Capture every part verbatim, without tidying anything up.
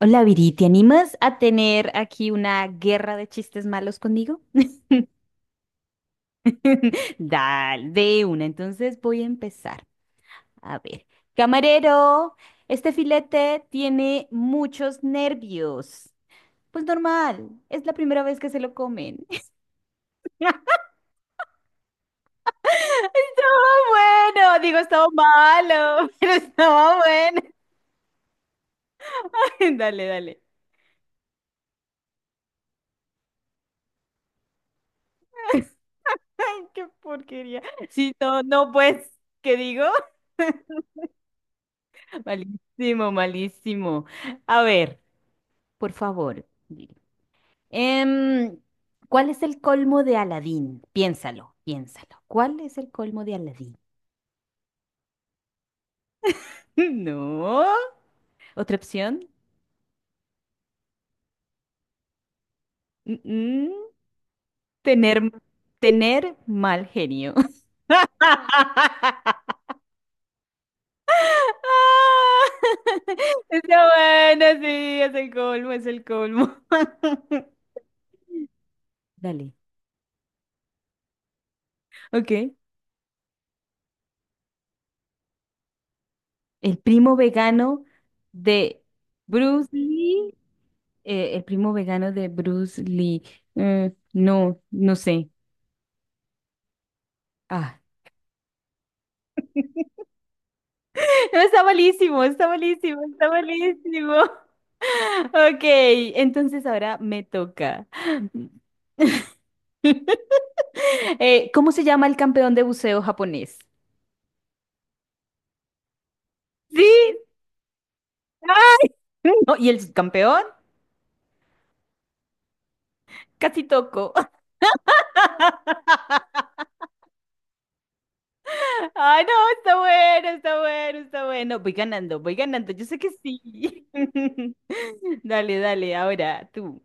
Hola Viri, ¿te animas a tener aquí una guerra de chistes malos conmigo? Dale, de una. Entonces voy a empezar. A ver, camarero, este filete tiene muchos nervios. Pues normal, es la primera vez que se lo comen. Estaba bueno, digo, estaba malo, pero estaba bueno. Dale, dale. Ay, qué porquería. Sí, no, no, pues, ¿qué digo? Malísimo, malísimo. A ver, por favor, dime. Em, ¿cuál es el colmo de Aladín? Piénsalo, piénsalo. ¿Cuál es el colmo de Aladín? No. ¿Otra opción? Mm, mm, Tener, tener mal genio. Está bueno, sí, es el colmo, es el colmo. Dale. Ok. El primo vegano de Bruce Lee. Eh, el primo vegano de Bruce Lee. Eh, no, no sé. Ah. No, está malísimo, está malísimo, está malísimo. Ok, entonces ahora me toca. Eh, ¿cómo se llama el campeón de buceo japonés? Sí. ¡Ay! No, ¿y el subcampeón? Casi toco. Ay, no, está bueno, está bueno, está bueno. Voy ganando, voy ganando. Yo sé que sí. Dale, dale, ahora tú.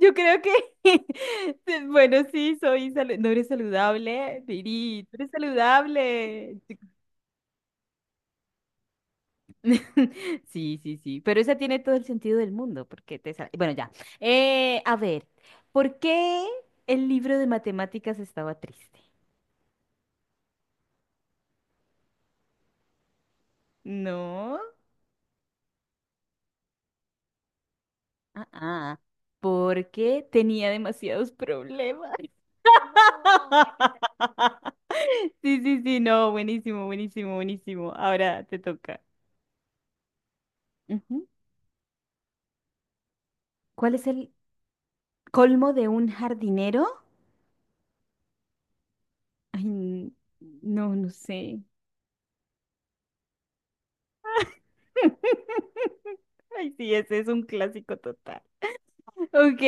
Yo creo que, bueno, sí, soy salu- no eres saludable, Viri, tú eres saludable. Sí, sí, sí, pero esa tiene todo el sentido del mundo, porque te... sa- Bueno, ya. Eh, a ver, ¿por qué el libro de matemáticas estaba triste? No, ah, ah, porque tenía demasiados problemas. Sí, sí, sí, no, buenísimo, buenísimo, buenísimo. Ahora te toca. Ujú. ¿Cuál es el colmo de un jardinero? Ay, n- no, no sé. Ay, sí, ese es un clásico total. Ok,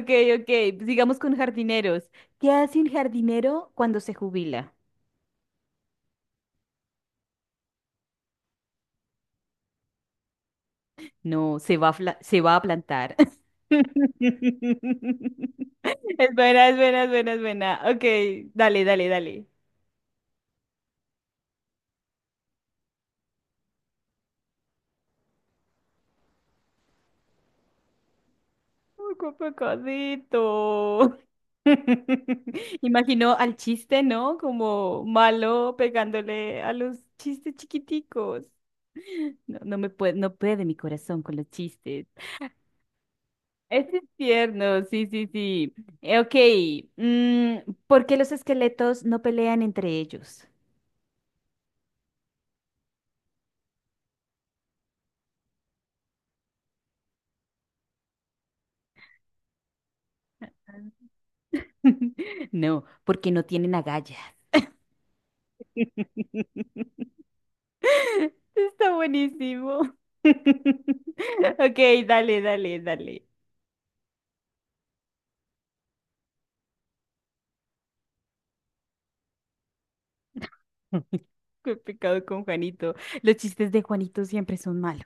ok, ok. Sigamos con jardineros. ¿Qué hace un jardinero cuando se jubila? No, se va a, fla- se va a plantar. Es buena, es buena, es buena, es buena. Ok, dale, dale, dale. ¡Qué pecadito! Imaginó al chiste, ¿no? Como malo pegándole a los chistes chiquiticos. No, no me puede, no puede mi corazón con los chistes. Ese es tierno, sí, sí, sí. Eh, Ok, mm, ¿por qué los esqueletos no pelean entre ellos? No, porque no tienen agallas. Está buenísimo. Ok, dale, dale, dale. Qué pecado con Juanito. Los chistes de Juanito siempre son malos.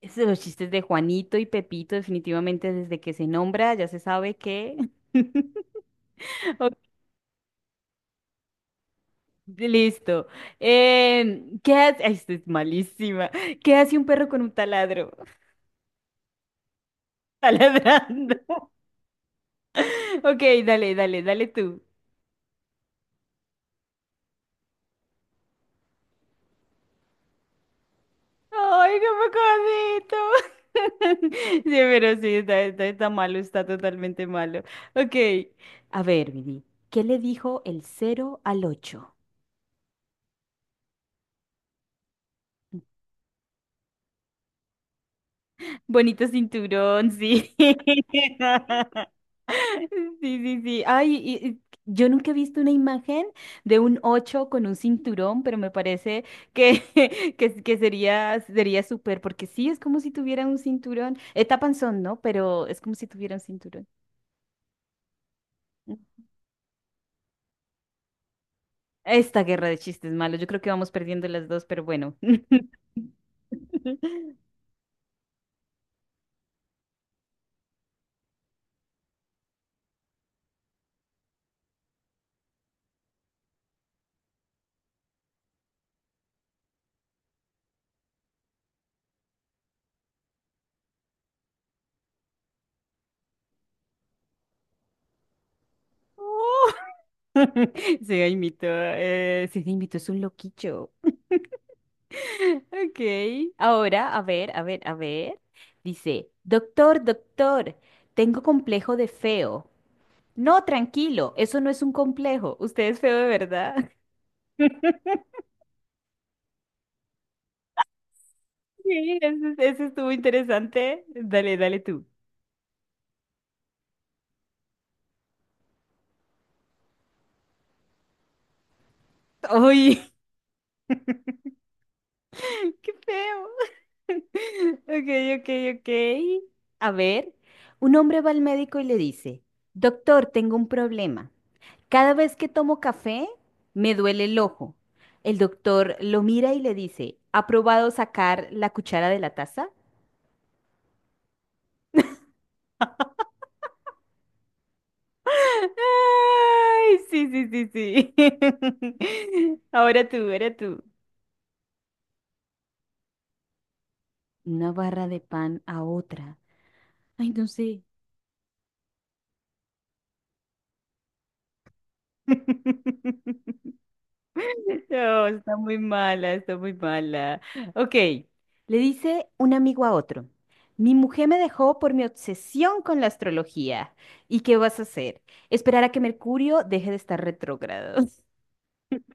Es de los chistes de Juanito y Pepito, definitivamente desde que se nombra, ya se sabe que. Ok, listo. Em, ¿qué hace? Ay, esto es malísima. ¿Qué hace un perro con un taladro? Taladrando. Ok, dale, dale, dale tú. ¡Ay, qué pecadito! Sí, pero sí, está, está, está malo, está totalmente malo. Ok. A ver, Vidi, ¿qué le dijo el cero al ocho? Bonito cinturón, sí. Sí, sí, sí. Ay, y- y yo nunca he visto una imagen de un ocho con un cinturón, pero me parece que, que, que sería, sería súper, porque sí, es como si tuviera un cinturón. Eh, tapanzón, ¿no? Pero es como si tuviera un cinturón. Esta guerra de chistes malos, yo creo que vamos perdiendo las dos, pero bueno. Se imito, eh, se imito, es un loquillo. Ok, ahora, a ver, a ver, a ver. Dice, doctor, doctor, tengo complejo de feo. No, tranquilo, eso no es un complejo. Usted es feo de verdad. Sí, ese, ese estuvo interesante. Dale, dale tú. ¡Ay! ¡Qué feo! Ok, ok, ok. A ver, un hombre va al médico y le dice, doctor, tengo un problema. Cada vez que tomo café, me duele el ojo. El doctor lo mira y le dice, ¿ha probado sacar la cuchara de la taza? Ay, sí, sí, sí, sí. Ahora tú, ahora tú. Una barra de pan a otra. Ay, no sé. No, está muy mala, está muy mala. Ok, le dice un amigo a otro, mi mujer me dejó por mi obsesión con la astrología. ¿Y qué vas a hacer? Esperar a que Mercurio deje de estar retrógrado.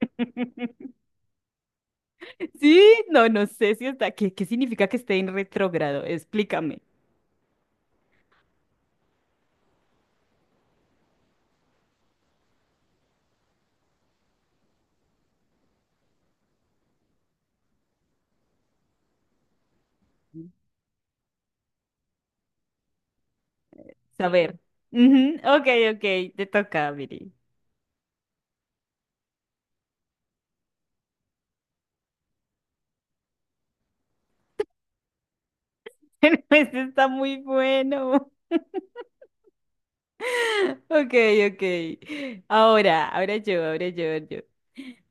Sí, no, no sé si está. ¿Qué, qué significa que esté en retrógrado? Explícame. Saber. Ujú, Ok, ok, te toca, Viri. Este está muy bueno. Ok, ok. Ahora, ahora yo, ahora yo, yo.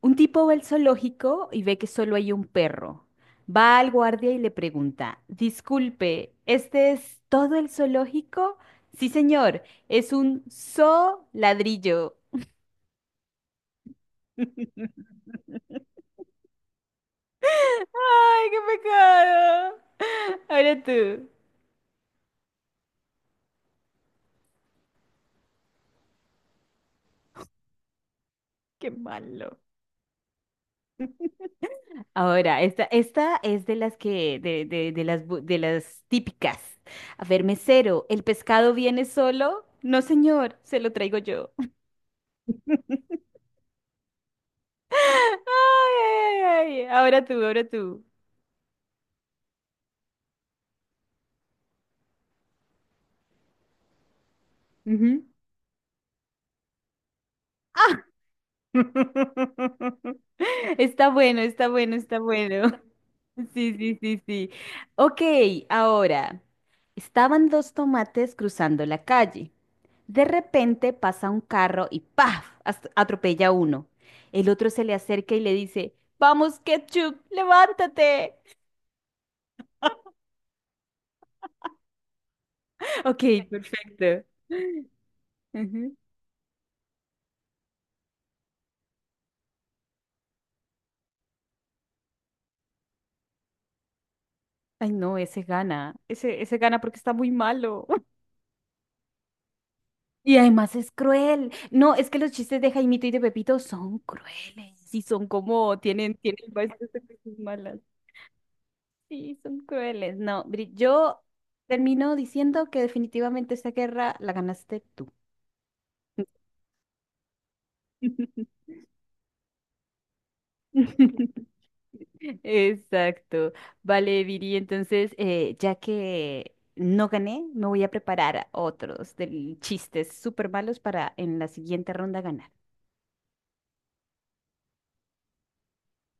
Un tipo va al zoológico y ve que solo hay un perro. Va al guardia y le pregunta, disculpe, ¿este es todo el zoológico? Sí, señor, es un zoo ladrillo. ¡Ay, qué pecado! Ahora tú. ¡Qué malo! Ahora, esta, esta es de las que, de, de, de las, bu- de las típicas. A ver, mesero, ¿el pescado viene solo? No, señor, se lo traigo yo. Ay, ay, ay. Ahora tú, ahora tú. Ujú. Ah, está bueno, está bueno, está bueno. Sí, sí, sí, sí. Ok, ahora. Estaban dos tomates cruzando la calle. De repente pasa un carro y ¡paf! Ast- Atropella a uno. El otro se le acerca y le dice, ¡Vamos, Ketchup, levántate! Ok, perfecto. Ujú. Ay, no, ese gana. Ese, ese gana porque está muy malo. Y además es cruel. No, es que los chistes de Jaimito y de Pepito son crueles. Y son como, tienen, tienen varias cosas malas. Sí, son crueles. No, Bri- Yo termino diciendo que definitivamente esta guerra la ganaste tú. Exacto. Vale, Viri, entonces, eh, ya que no gané, me voy a preparar otros del chistes súper malos para en la siguiente ronda ganar.